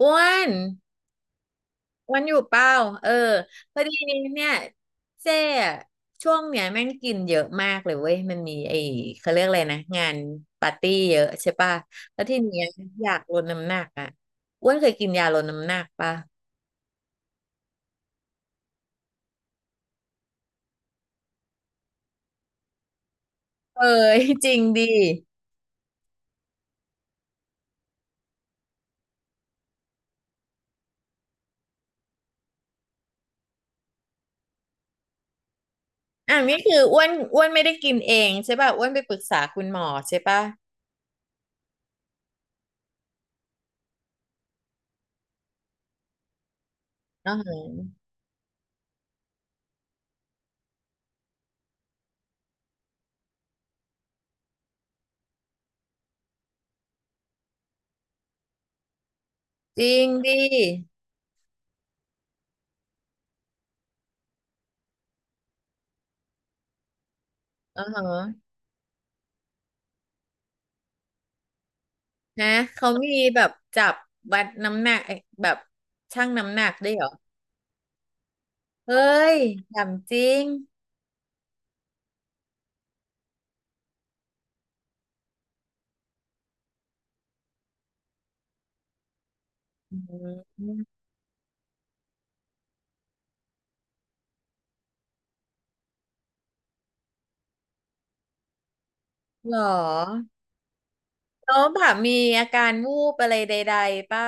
อ้วนอ้วนอยู่เปล่าเออพอดีเนี่ยเจ้อะช่วงเนี้ยแม่งกินเยอะมากเลยเว้ยมันมีไอ้เขาเรียกอะไรนะงานปาร์ตี้เยอะใช่ป่ะแล้วทีเนี้ยอยากลดน้ำหนักอ่ะอ้วนเคยกินยาลดน้ำหนักป่ะเอ้ย จริงดีอ่ะนี่คืออ้วนอ้วนไม่ได้กินเองใช่ป่ะอ้วนไปปรึกษาคุณหมอใช่ป่ะอ๋อหือจริงดิอ๋อฮะนะเขามีแบบจับวัดน้ำหนักแบบชั่งน้ำหนักด้วยเหรอ เฮ้ยถามจริงอืมหรอน้องผามีอาการวูบอะไรใดๆป่ะ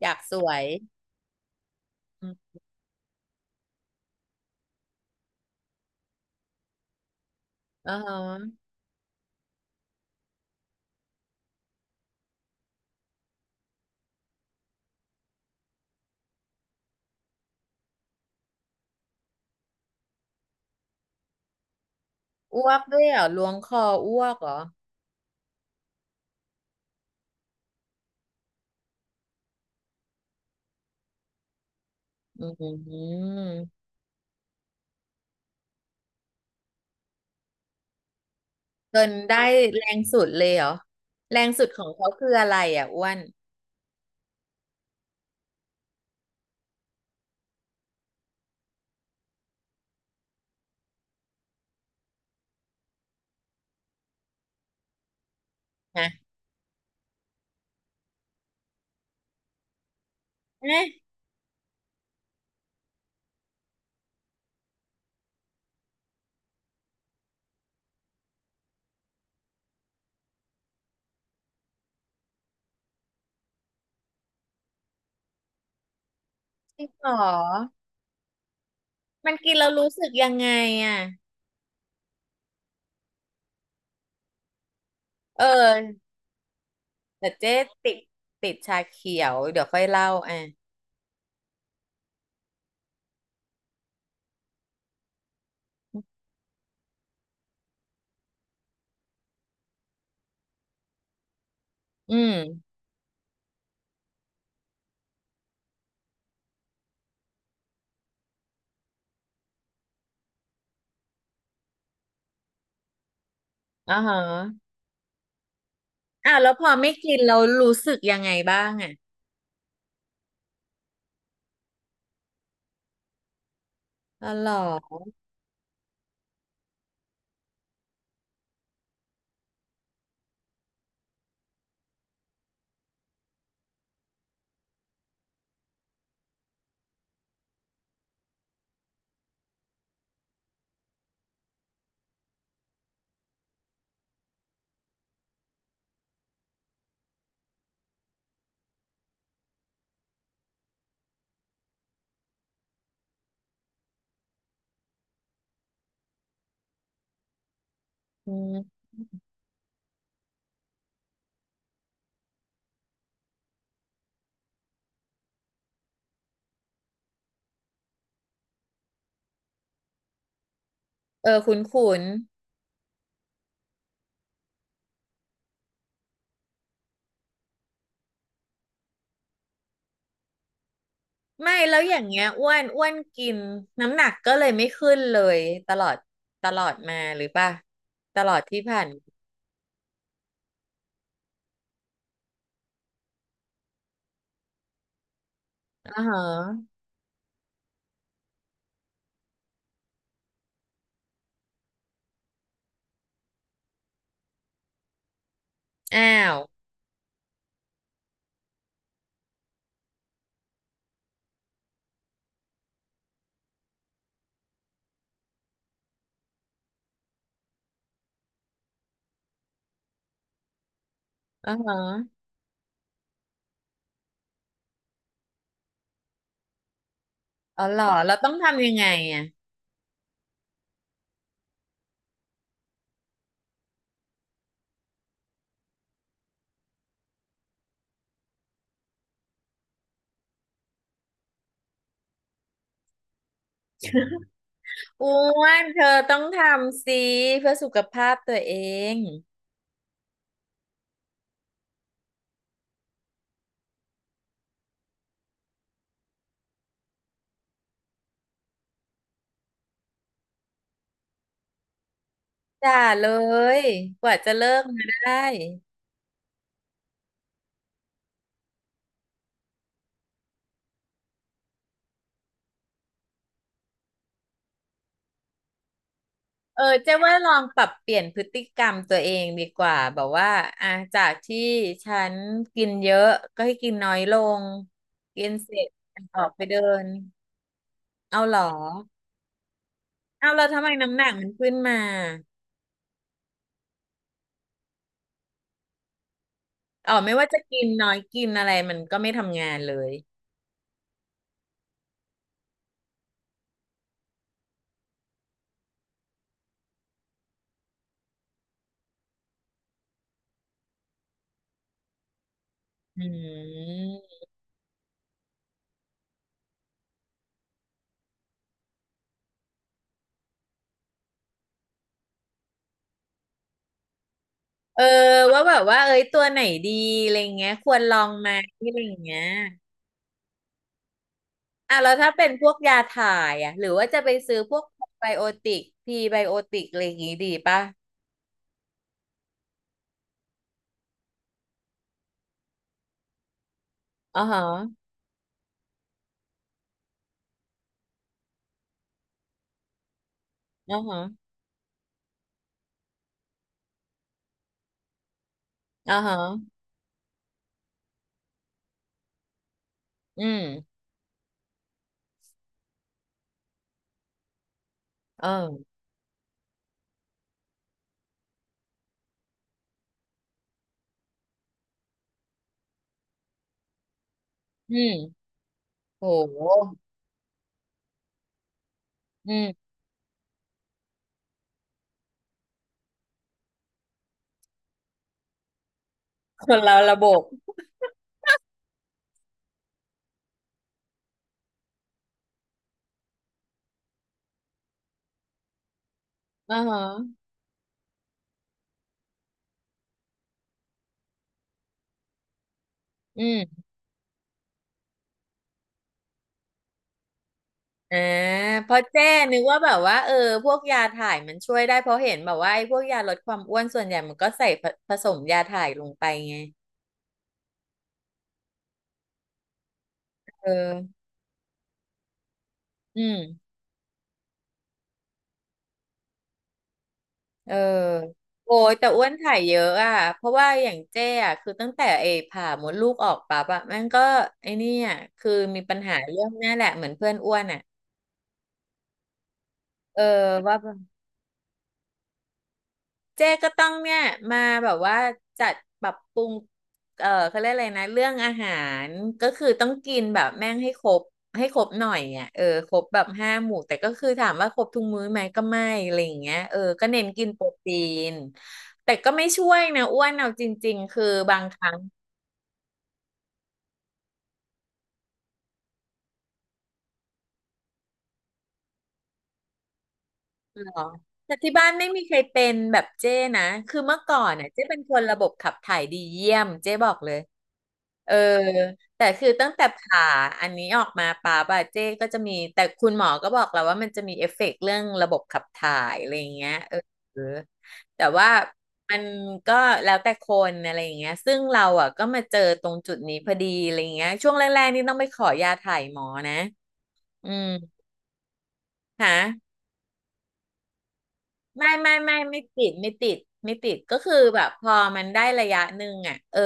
อยากสวยอืมอ๋อฮะอ้วกด้วยเหรอล้วงคออ้วกเหรอ อืมจนได้แรงสุดเลยเหรอ แรงสุดของเขาคืออะไรอ่ะอ้วนฮะเอ๊ะจริงเหรอมันกินแล้วรู้สึกยังไงอ่ะ เออแต่เจ๊ติดชาเขียว เดี๋ยวค่อยเล่าอ่ะอืมอ๋อฮะ อ้าวแล้วพอไม่กินเรารู้สึกยังไงบ้างอ่ะอ๋อเหรออืมเออคุ้นคุนไม่แล้วอย่างเงี้ยอ้วนอ้วนกินน้ำหนักก็เลยไม่ขึ้นเลยตลอดตลอดมาหรือป่ะตลอดที่ผ่านอ่าฮะอ้าวอ่าฮะอ๋อเหรอเราต้องทำยังไงอ่ะอ้วนเธอต้องทำสิเพื่อสุขภาพตัวเองจ้าเลยกว่าจะเลิกมาได้ เออเจ๊ว่าลองปรับเปลี่ยนพฤติกรรมตัวเองดีกว่าแบบว่าอ่ะจากที่ฉันกินเยอะก็ให้กินน้อยลงกินเสร็จออกไปเดินเอาเหรอเอาเราทำไมน้ำหนักมันขึ้นมาอ๋อไม่ว่าจะกินน้อยกินอะไรมันก็ไม่ทำงานเลยอืมเออว่าแบบว่าเอ้ยตัวไหนดีอะไรเงี้ยควรลองไหมอะไรเงี้ย อ่ะแล้วถ้าเป็นพวกยาถ่ายอ่ะหรือว่าจะไปซื้อพวกไบโอติกพีไบโอติกอะไรอย่างงี้ดีป่ะอ่อฮะอ่อฮะอ่าฮะอืมเอออืมโหอืมคนเราระบบอ่อฮะอืมอ่าเพราะเจ้นึกว่าแบบว่าเออพวกยาถ่ายมันช่วยได้เพราะเห็นแบบว่าไอ้พวกยาลดความอ้วนส่วนใหญ่มันก็ใส่ผผสมยาถ่ายลงไปไงเอออืม เออโอ้ยแต่อ้วนถ่ายเยอะอ่ะเพราะว่าอย่างเจ้อ่ะคือตั้งแต่เอผ่ามดลูกออกปั๊บอ่ะแม่งก็ไอ้เนี่อะคือมีปัญหาเรื่องเนี้ยแหละเหมือนเพื่อนอ้วนอ่ะเออว่า เจ๊ก็ต้องเนี่ยมาแบบว่าจัดปรับปรุง เออเขาเรียกอะไรนะเรื่องอาหารก็คือต้องกินแบบแม่งให้ครบหน่อยอ่ะเออครบแบบห้าหมู่แต่ก็คือถามว่าครบทุกมื้อไหมก็ไม่อะไรอย่างเงี้ยเออก็เน้นกินโปรตีนแต่ก็ไม่ช่วยนะอ้วนเอาจริงๆคือบางครั้ง เหรอแต่ที่บ้านไม่มีใครเป็นแบบเจ้นะคือเมื่อก่อนน่ะเจ้เป็นคนระบบขับถ่ายดีเยี่ยมเจ้บอกเลยเออแต่คือตั้งแต่ผ่าอันนี้ออกมาป่าบาเจ้ก็จะมีแต่คุณหมอก็บอกแล้วว่ามันจะมีเอฟเฟกต์เรื่องระบบขับถ่ายอะไรอย่างเงี้ยเออแต่ว่ามันก็แล้วแต่คนอะไรอย่างเงี้ยซึ่งเราอ่ะก็มาเจอตรงจุดนี้พอดีอะไรอย่างเงี้ยช่วงแรกๆนี่ต้องไปขอยาถ่ายหมอนะอืมค่ะ ไม่ติดไม่ติดก็คือแบบพอมันได้ระยะหนึ่งอ่ะเออ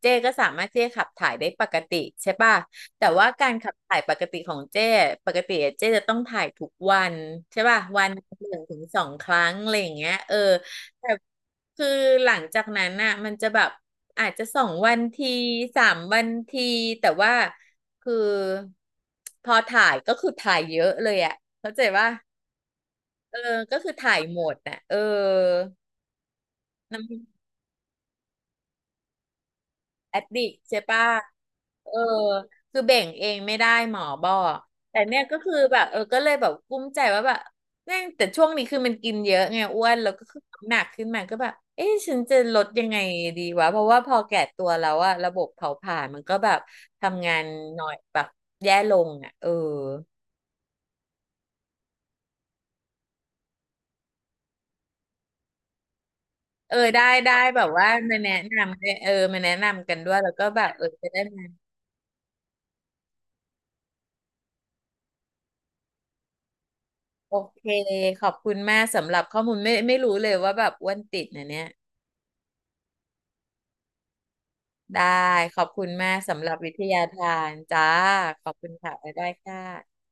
เจ้ก็สามารถเจ้ขับถ่ายได้ปกติใช่ป่ะแต่ว่าการขับถ่ายปกติของเจ้ปกติอะเจ้จะต้องถ่ายทุกวันใช่ป่ะวันหนึ่งถึงสองครั้งอะไรอย่างเงี้ยเออแต่คือหลังจากนั้นน่ะมันจะแบบอาจจะสองวันทีสามวันทีแต่ว่าคือพอถ่ายก็คือถ่ายเยอะเลยอ่ะเข้าใจป่ะ เออก็คือถ่ายหมดน่ะเออแอดดิกใช่ปะเออคือเบ่งเองไม่ได้หมอบอกแต่เนี่ยก็คือแบบเออก็เลยแบบกุ้มใจว่าแบบแม่งแต่ช่วงนี้คือมันกินเยอะไงอ้วนแล้วก็คือน้ำหนักขึ้นมาก็แบบเอ๊ะฉันจะลดยังไงดีวะเพราะว่าพอแก่ตัวแล้วอะระบบเผาผลาญมันก็แบบทำงานหน่อยแบบแย่ลงอะเออเออได้ได้แบบว่ามาแนะนำเออมาแนะนำกันด้วยแล้วก็แบบเออจะได้มา โอเคขอบคุณมากสำหรับข้อมูลไม่ไม่รู้เลยว่าแบบอ้วนติดนะเนี่ยได้ขอบคุณมากสำหรับวิทยาทานจ้าขอบคุณค่ะบ๊ายบายค่ะ